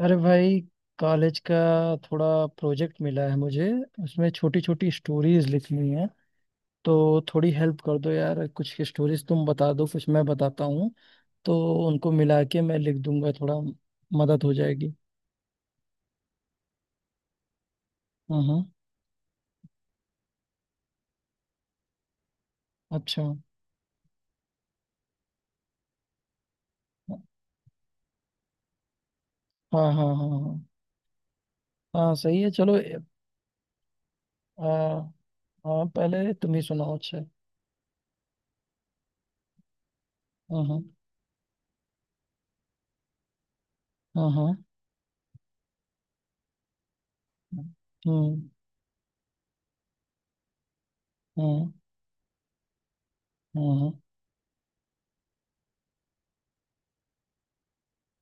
अरे भाई, कॉलेज का थोड़ा प्रोजेक्ट मिला है मुझे। उसमें छोटी छोटी स्टोरीज लिखनी है। तो थोड़ी हेल्प कर दो यार, कुछ स्टोरीज तुम बता दो, कुछ मैं बताता हूँ। तो उनको मिला के मैं लिख दूंगा, थोड़ा मदद हो जाएगी। हाँ हाँ। अच्छा। हाँ हाँ हाँ हाँ। हाँ, सही है, चलो। आ, हाँ, पहले तुम ही सुनाओ। अच्छा। हाँ हाँ हाँ हाँ। हम्म। हम्म। हम्म।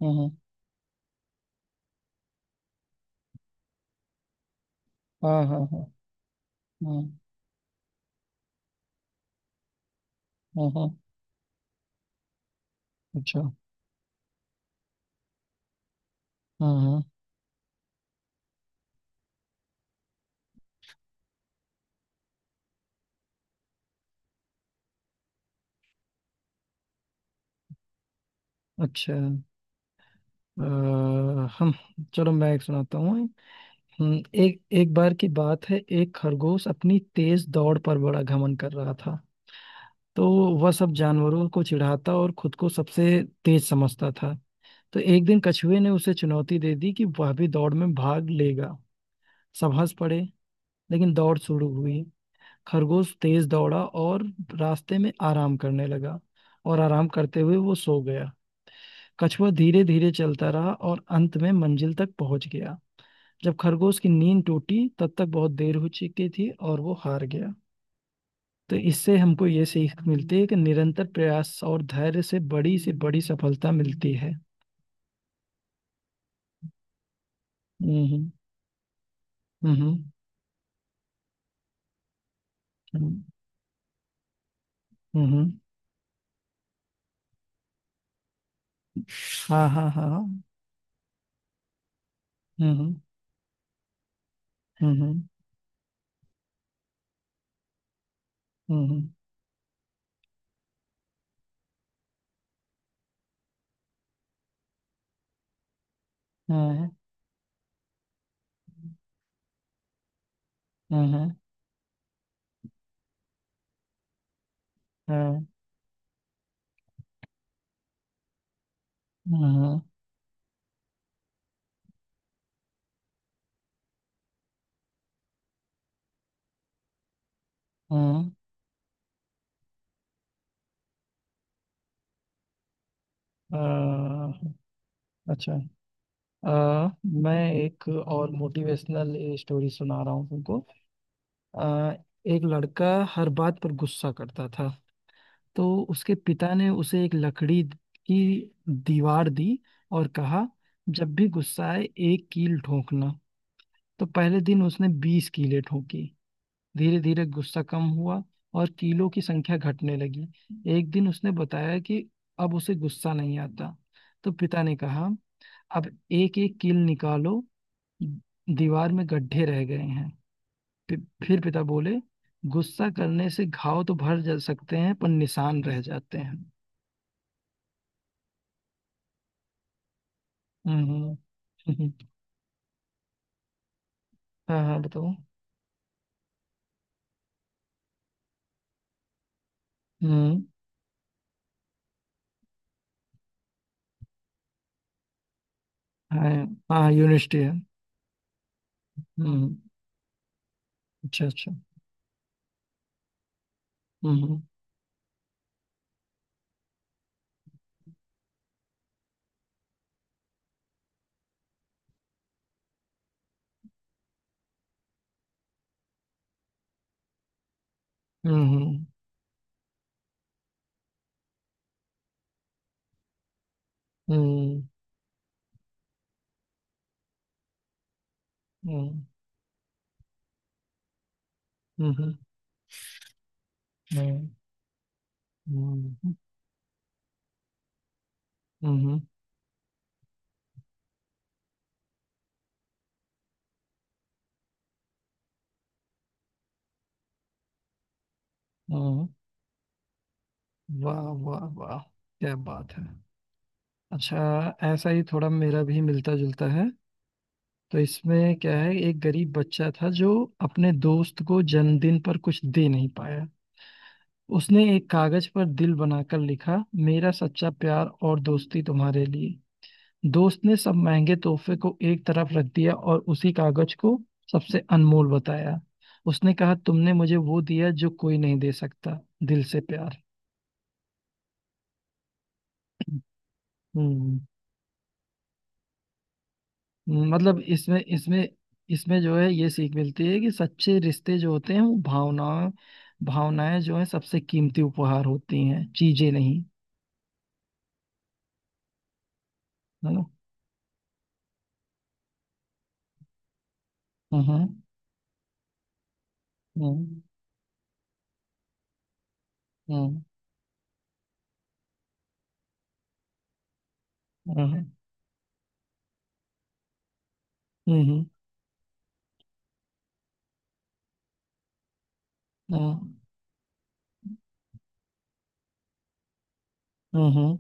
हम्म। हाँ हाँ हाँ हाँ। हाँ हाँ, अच्छा हाँ हाँ। अच्छा। अ, हम। चलो, मैं एक सुनाता हूँ। एक एक बार की बात है, एक खरगोश अपनी तेज दौड़ पर बड़ा घमंड कर रहा था। तो वह सब जानवरों को चिढ़ाता और खुद को सबसे तेज समझता था। तो एक दिन कछुए ने उसे चुनौती दे दी कि वह भी दौड़ में भाग लेगा। सब हंस पड़े, लेकिन दौड़ शुरू हुई। खरगोश तेज दौड़ा और रास्ते में आराम करने लगा, और आराम करते हुए वो सो गया। कछुआ धीरे धीरे चलता रहा और अंत में मंजिल तक पहुंच गया। जब खरगोश की नींद टूटी, तब तक बहुत देर हो चुकी थी और वो हार गया। तो इससे हमको ये सीख मिलती है कि निरंतर प्रयास और धैर्य से बड़ी सफलता मिलती है। हम्म। हम्म। हम्म। हम्म। हाँ हाँ हाँ हाँ। हम्म। हम्म। हम्म। हम्म। हम्म। हम्म। हम्म। हम्म। हम्म। अ, अच्छा। अ मैं एक और मोटिवेशनल स्टोरी सुना रहा हूँ तुमको। आ, एक लड़का हर बात पर गुस्सा करता था। तो उसके पिता ने उसे एक लकड़ी की दीवार दी और कहा, जब भी गुस्सा आए, एक कील ठोकना। तो पहले दिन उसने बीस कीलें ठोकी। धीरे धीरे गुस्सा कम हुआ और कीलों की संख्या घटने लगी। एक दिन उसने बताया कि अब उसे गुस्सा नहीं आता। तो पिता ने कहा, अब एक एक कील निकालो, दीवार में गड्ढे रह गए हैं। फि- फिर पिता बोले, गुस्सा करने से घाव तो भर जा सकते हैं पर निशान रह जाते हैं। हम्म। हम्म। हम्म। हम्म। हाँ हाँ बताओ। हम्म। हाँ, हाँ यूनिवर्सिटी है। हम्म। अच्छा अच्छा। हम्म। हम्म। हम्म। हम्म। हम्म। हम्म। हम्म। हम्म। हम्म। हम्म। हम्म। हम्म। वाह वाह वाह। क्या बात है। अच्छा। ऐसा ही थोड़ा मेरा भी मिलता जुलता है। तो इसमें क्या है, एक गरीब बच्चा था जो अपने दोस्त को जन्मदिन पर कुछ दे नहीं पाया। उसने एक कागज पर दिल बनाकर लिखा, मेरा सच्चा प्यार और दोस्ती तुम्हारे लिए। दोस्त ने सब महंगे तोहफे को एक तरफ रख दिया और उसी कागज को सबसे अनमोल बताया। उसने कहा, तुमने मुझे वो दिया जो कोई नहीं दे सकता, दिल से प्यार। हम्म। मतलब इसमें इसमें इसमें जो है, ये सीख मिलती है कि सच्चे रिश्ते जो होते हैं, वो भावनाएं जो है, सबसे कीमती उपहार होती हैं, चीजें नहीं। है ना? हम्म। हम्म। हम्म। हम्म। हम्म। हम्म। हम्म। हम्म। हम्म।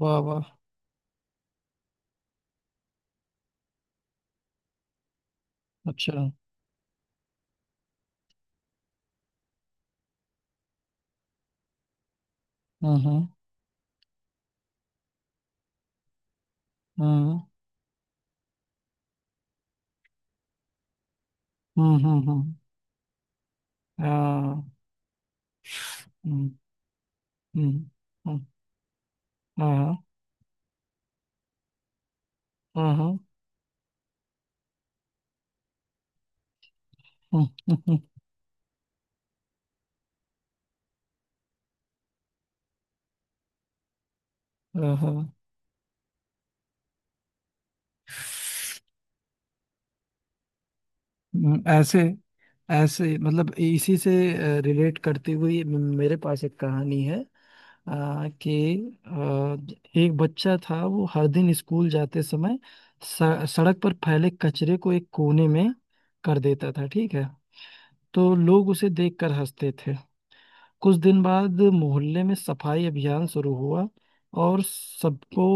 वाह वाह। अच्छा। हम्म। हम्म। हम्म। हम्म। हम्म। हाँ। हम्म। हम्म। हम्म। हाँ। हम्म। हम्म। हम्म, हाँ। हम्म। ऐसे ऐसे मतलब इसी से रिलेट करते हुए मेरे पास एक कहानी है। आ, कि आ, एक बच्चा था। वो हर दिन स्कूल जाते समय सड़क पर फैले कचरे को एक कोने में कर देता था, ठीक है। तो लोग उसे देखकर हंसते थे। कुछ दिन बाद मोहल्ले में सफाई अभियान शुरू हुआ और सबको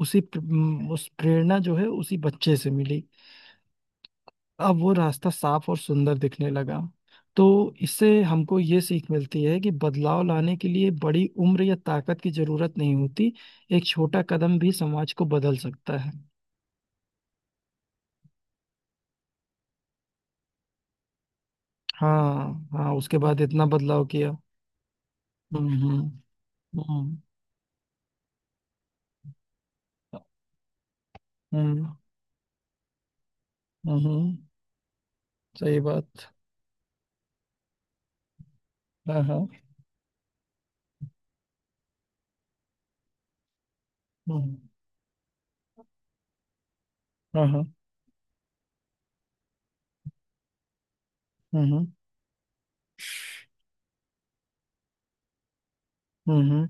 उस प्रेरणा जो है, उसी बच्चे से मिली। अब वो रास्ता साफ और सुंदर दिखने लगा। तो इससे हमको ये सीख मिलती है कि बदलाव लाने के लिए बड़ी उम्र या ताकत की जरूरत नहीं होती। एक छोटा कदम भी समाज को बदल सकता है। हाँ हाँ, उसके बाद इतना बदलाव किया। हम्म। हम्म। हम्म। हम्म। हम्म। हम्म। सही बात। हाँ हाँ। हम्म। हाँ हाँ। हम्म। हम्म। हम्म।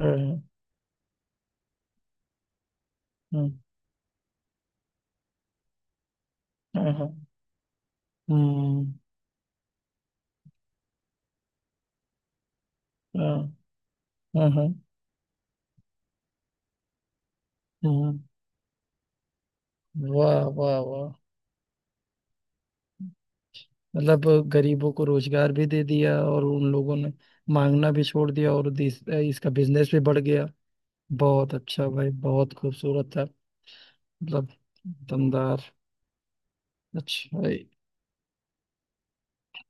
हाँ हाँ। हम्म। हाँ हाँ। हम्म। हाँ। हाँ। हाँ। हम्म। वाह वाह वाह। मतलब गरीबों को रोजगार भी दे दिया और उन लोगों ने मांगना भी छोड़ दिया, और इसका बिजनेस भी बढ़ गया। बहुत अच्छा भाई, बहुत खूबसूरत था। मतलब दमदार। अच्छा।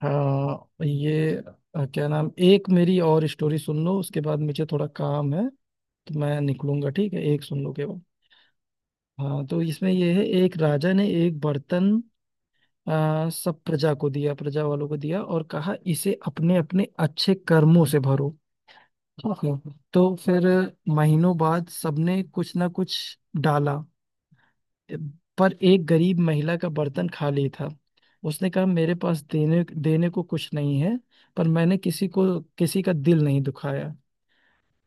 हाँ, ये क्या नाम, एक मेरी और स्टोरी सुन लो, उसके बाद मुझे थोड़ा काम है, तो मैं निकलूंगा। ठीक है, एक सुन लो के बाद। हाँ, तो इसमें ये है, एक राजा ने एक बर्तन सब प्रजा को दिया, प्रजा वालों को दिया और कहा, इसे अपने अपने अच्छे कर्मों से भरो। ओहो। तो फिर महीनों बाद सबने कुछ ना कुछ डाला, पर एक गरीब महिला का बर्तन खाली था। उसने कहा, मेरे पास देने देने को कुछ नहीं है, पर मैंने किसी को किसी का दिल नहीं दुखाया।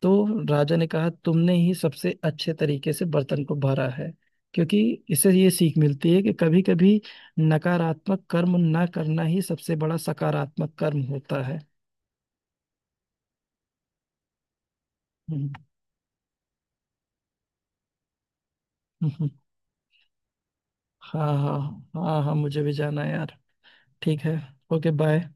तो राजा ने कहा, तुमने ही सबसे अच्छे तरीके से बर्तन को भरा है, क्योंकि इससे ये सीख मिलती है कि कभी कभी नकारात्मक कर्म ना करना ही सबसे बड़ा सकारात्मक कर्म होता है। हम्म। हम्म। हाँ हाँ। हाँ हाँ, मुझे भी जाना है यार। ठीक है। Okay bye.